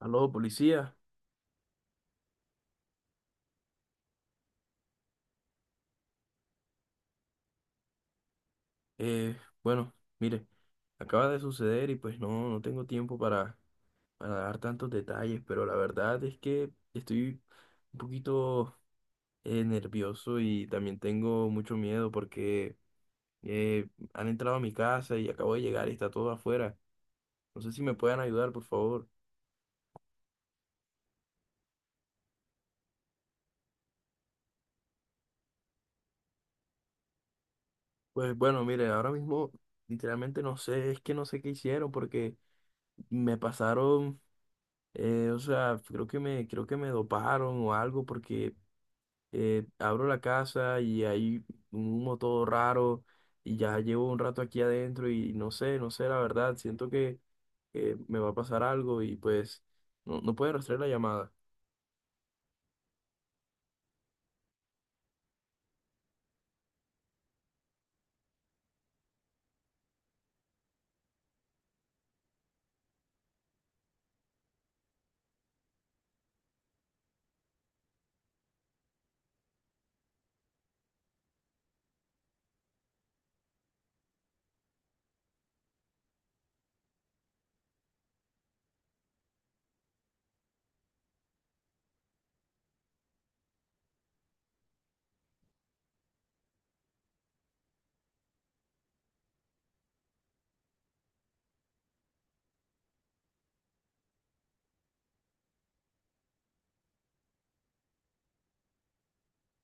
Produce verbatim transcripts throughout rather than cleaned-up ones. Aló, policía. Eh, bueno, mire, acaba de suceder y pues no, no tengo tiempo para, para dar tantos detalles, pero la verdad es que estoy un poquito eh, nervioso y también tengo mucho miedo porque eh, han entrado a mi casa y acabo de llegar y está todo afuera. No sé si me pueden ayudar, por favor. Pues bueno, mire, ahora mismo literalmente no sé, es que no sé qué hicieron porque me pasaron, eh, o sea, creo que me, creo que me doparon o algo porque eh, abro la casa y hay un humo todo raro y ya llevo un rato aquí adentro y no sé, no sé, la verdad, siento que, que me va a pasar algo y pues no, no puede rastrear la llamada.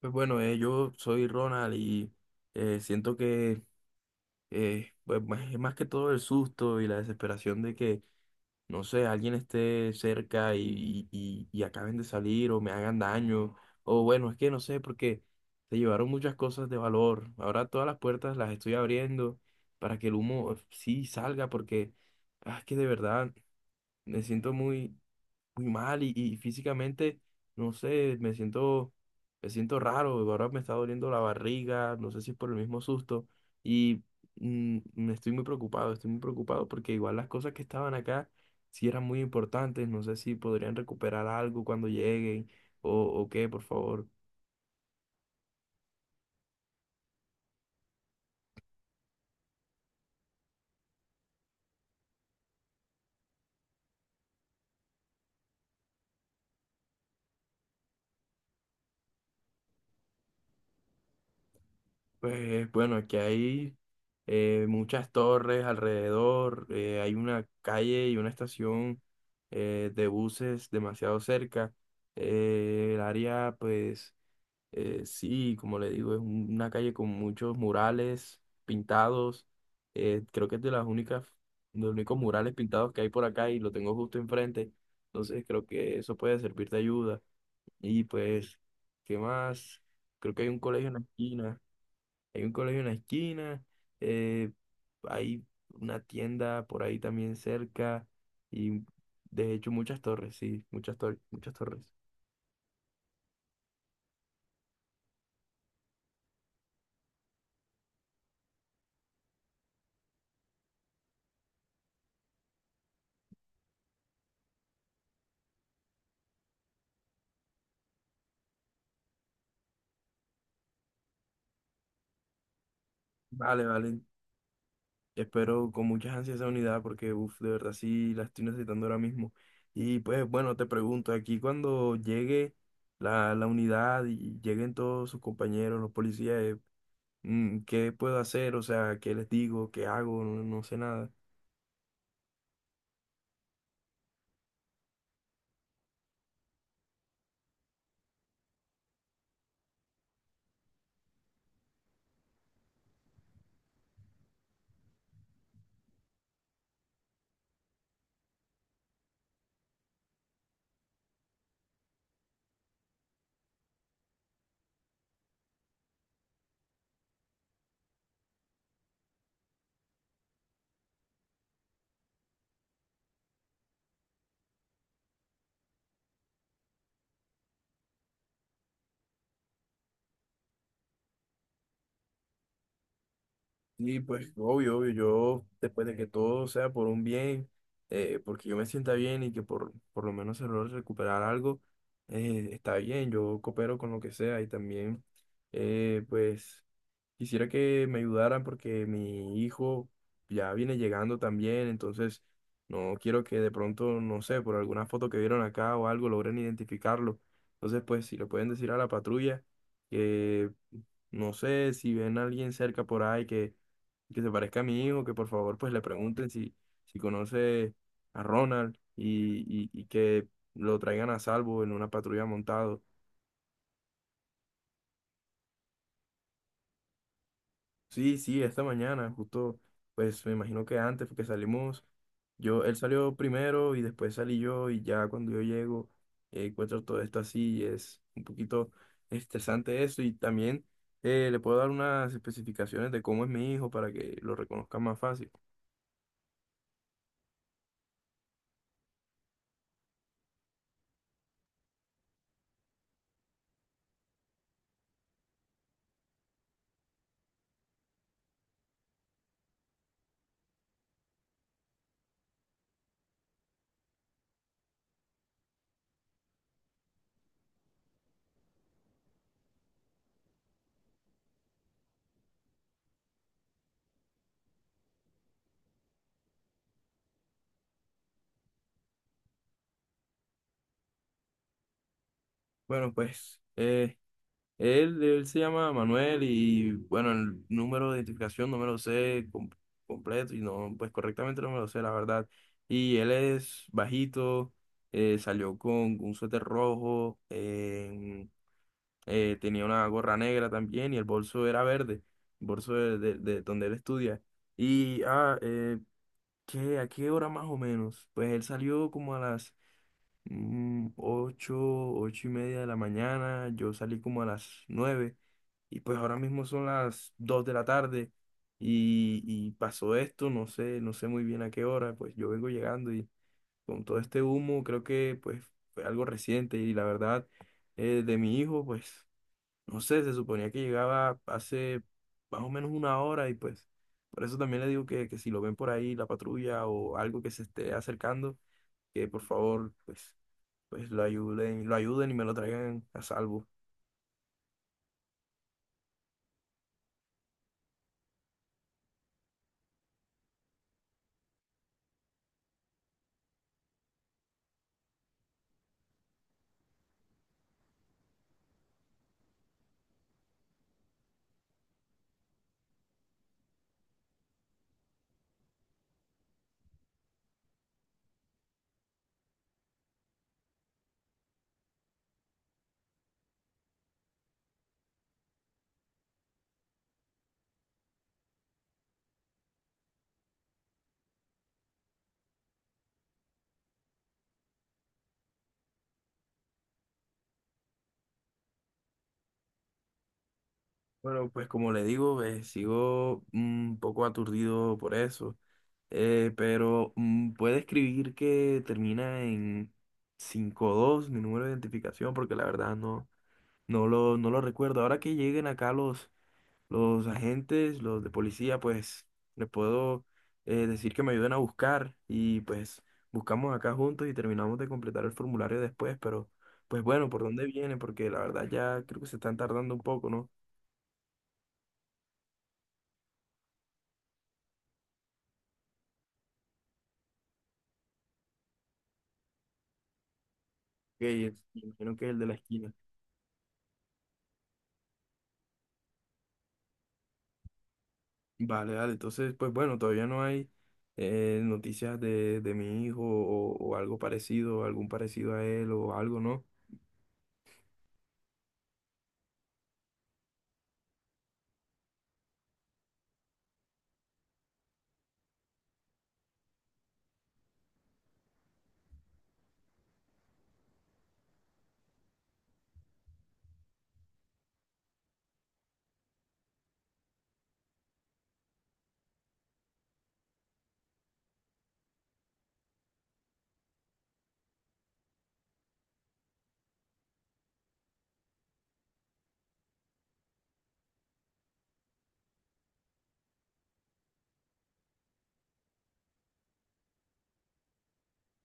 Pues bueno, eh, yo soy Ronald y eh, siento que eh, pues, más- es más que todo el susto y la desesperación de que no sé, alguien esté cerca y, y, y acaben de salir o me hagan daño. O bueno, es que no sé, porque se llevaron muchas cosas de valor. Ahora todas las puertas las estoy abriendo para que el humo eh, sí salga, porque ah, es que de verdad me siento muy, muy mal y, y físicamente, no sé, me siento, me siento raro, ahora me está doliendo la barriga, no sé si es por el mismo susto y mm, me estoy muy preocupado, estoy muy preocupado porque igual las cosas que estaban acá sí eran muy importantes, no sé si podrían recuperar algo cuando lleguen o, o qué, por favor. Pues bueno, aquí hay eh, muchas torres alrededor, eh, hay una calle y una estación eh, de buses demasiado cerca. Eh, el área, pues, eh, sí, como le digo, es un- una calle con muchos murales pintados. Eh, creo que es de las únicas, de los únicos murales pintados que hay por acá y lo tengo justo enfrente. Entonces creo que eso puede servir de ayuda. Y pues, ¿qué más? Creo que hay un colegio en la esquina. Hay un colegio en la esquina, eh, hay una tienda por ahí también cerca y de hecho muchas torres, sí, muchas torres, muchas torres. Vale, vale. Espero con muchas ansias esa unidad porque, uff, de verdad sí la estoy necesitando ahora mismo. Y pues bueno, te pregunto, aquí cuando llegue la, la unidad y lleguen todos sus compañeros, los policías, eh, mm, ¿qué puedo hacer? O sea, ¿qué les digo? ¿Qué hago? No, no sé nada. Sí, pues obvio, obvio, yo después de que todo sea por un bien, eh, porque yo me sienta bien y que por, por lo menos se logre recuperar algo, eh, está bien, yo coopero con lo que sea y también, eh, pues. Quisiera que me ayudaran porque mi hijo ya viene llegando también, entonces no quiero que de pronto, no sé, por alguna foto que vieron acá o algo logren identificarlo. Entonces, pues si le pueden decir a la patrulla que, no sé, si ven a alguien cerca por ahí que, que se parezca a mi hijo, que por favor pues le pregunten si, si conoce a Ronald y, y, y que lo traigan a salvo en una patrulla montado. Sí, sí, esta mañana, justo, pues me imagino que antes, porque salimos, yo, él salió primero y después salí yo y ya cuando yo llego, eh, encuentro todo esto así y es un poquito estresante eso y también, eh, le puedo dar unas especificaciones de cómo es mi hijo para que lo reconozca más fácil. Bueno, pues, eh, Él, él se llama Manuel y bueno, el número de identificación no me lo sé com- completo y no, pues correctamente no me lo sé, la verdad. Y él es bajito, eh, salió con un suéter rojo, em, eh, tenía una gorra negra también y el bolso era verde, el bolso de, de- de donde él estudia. Y, ah, eh, ¿qué, ¿a qué hora más o menos? Pues él salió como a las mm, ocho, ocho y media de la mañana, yo salí como a las nueve y pues ahora mismo son las dos de la tarde y, y pasó esto, no sé, no sé muy bien a qué hora, pues yo vengo llegando y con todo este humo creo que pues fue algo reciente y la verdad, eh, de mi hijo pues no sé, se suponía que llegaba hace más o menos una hora y pues por eso también le digo que, que si lo ven por ahí la patrulla o algo que se esté acercando, que por favor pues pues lo ayuden, lo ayuden y me lo traigan a salvo. Bueno, pues, como le digo, eh, sigo un poco aturdido por eso, eh, pero mm, puede escribir que termina en cinco dos mi número de identificación, porque la verdad no, no lo, no lo recuerdo. Ahora que lleguen acá los, Los agentes, los de policía, pues les puedo eh, decir que me ayuden a buscar y pues buscamos acá juntos y terminamos de completar el formulario después, pero pues bueno, ¿por dónde viene? Porque la verdad ya creo que se están tardando un poco, ¿no? Ok, es- me imagino que es el de la esquina. Vale, vale, entonces pues bueno, todavía no hay eh, noticias de, de mi hijo o, o algo parecido, algún parecido a él o algo, ¿no?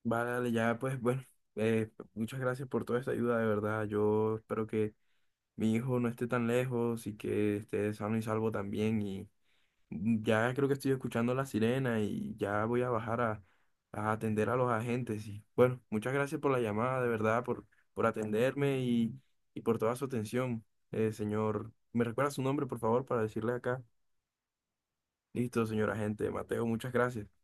Vale, dale, ya pues bueno, eh, muchas gracias por toda esta ayuda, de verdad, yo espero que mi hijo no esté tan lejos y que esté sano y salvo también. Y ya creo que estoy escuchando la sirena y ya voy a bajar a, a atender a los agentes. Y bueno, muchas gracias por la llamada, de verdad, por, por atenderme y, y por toda su atención, eh, señor. ¿Me recuerda su nombre, por favor, para decirle acá? Listo, señor agente. Mateo, muchas gracias.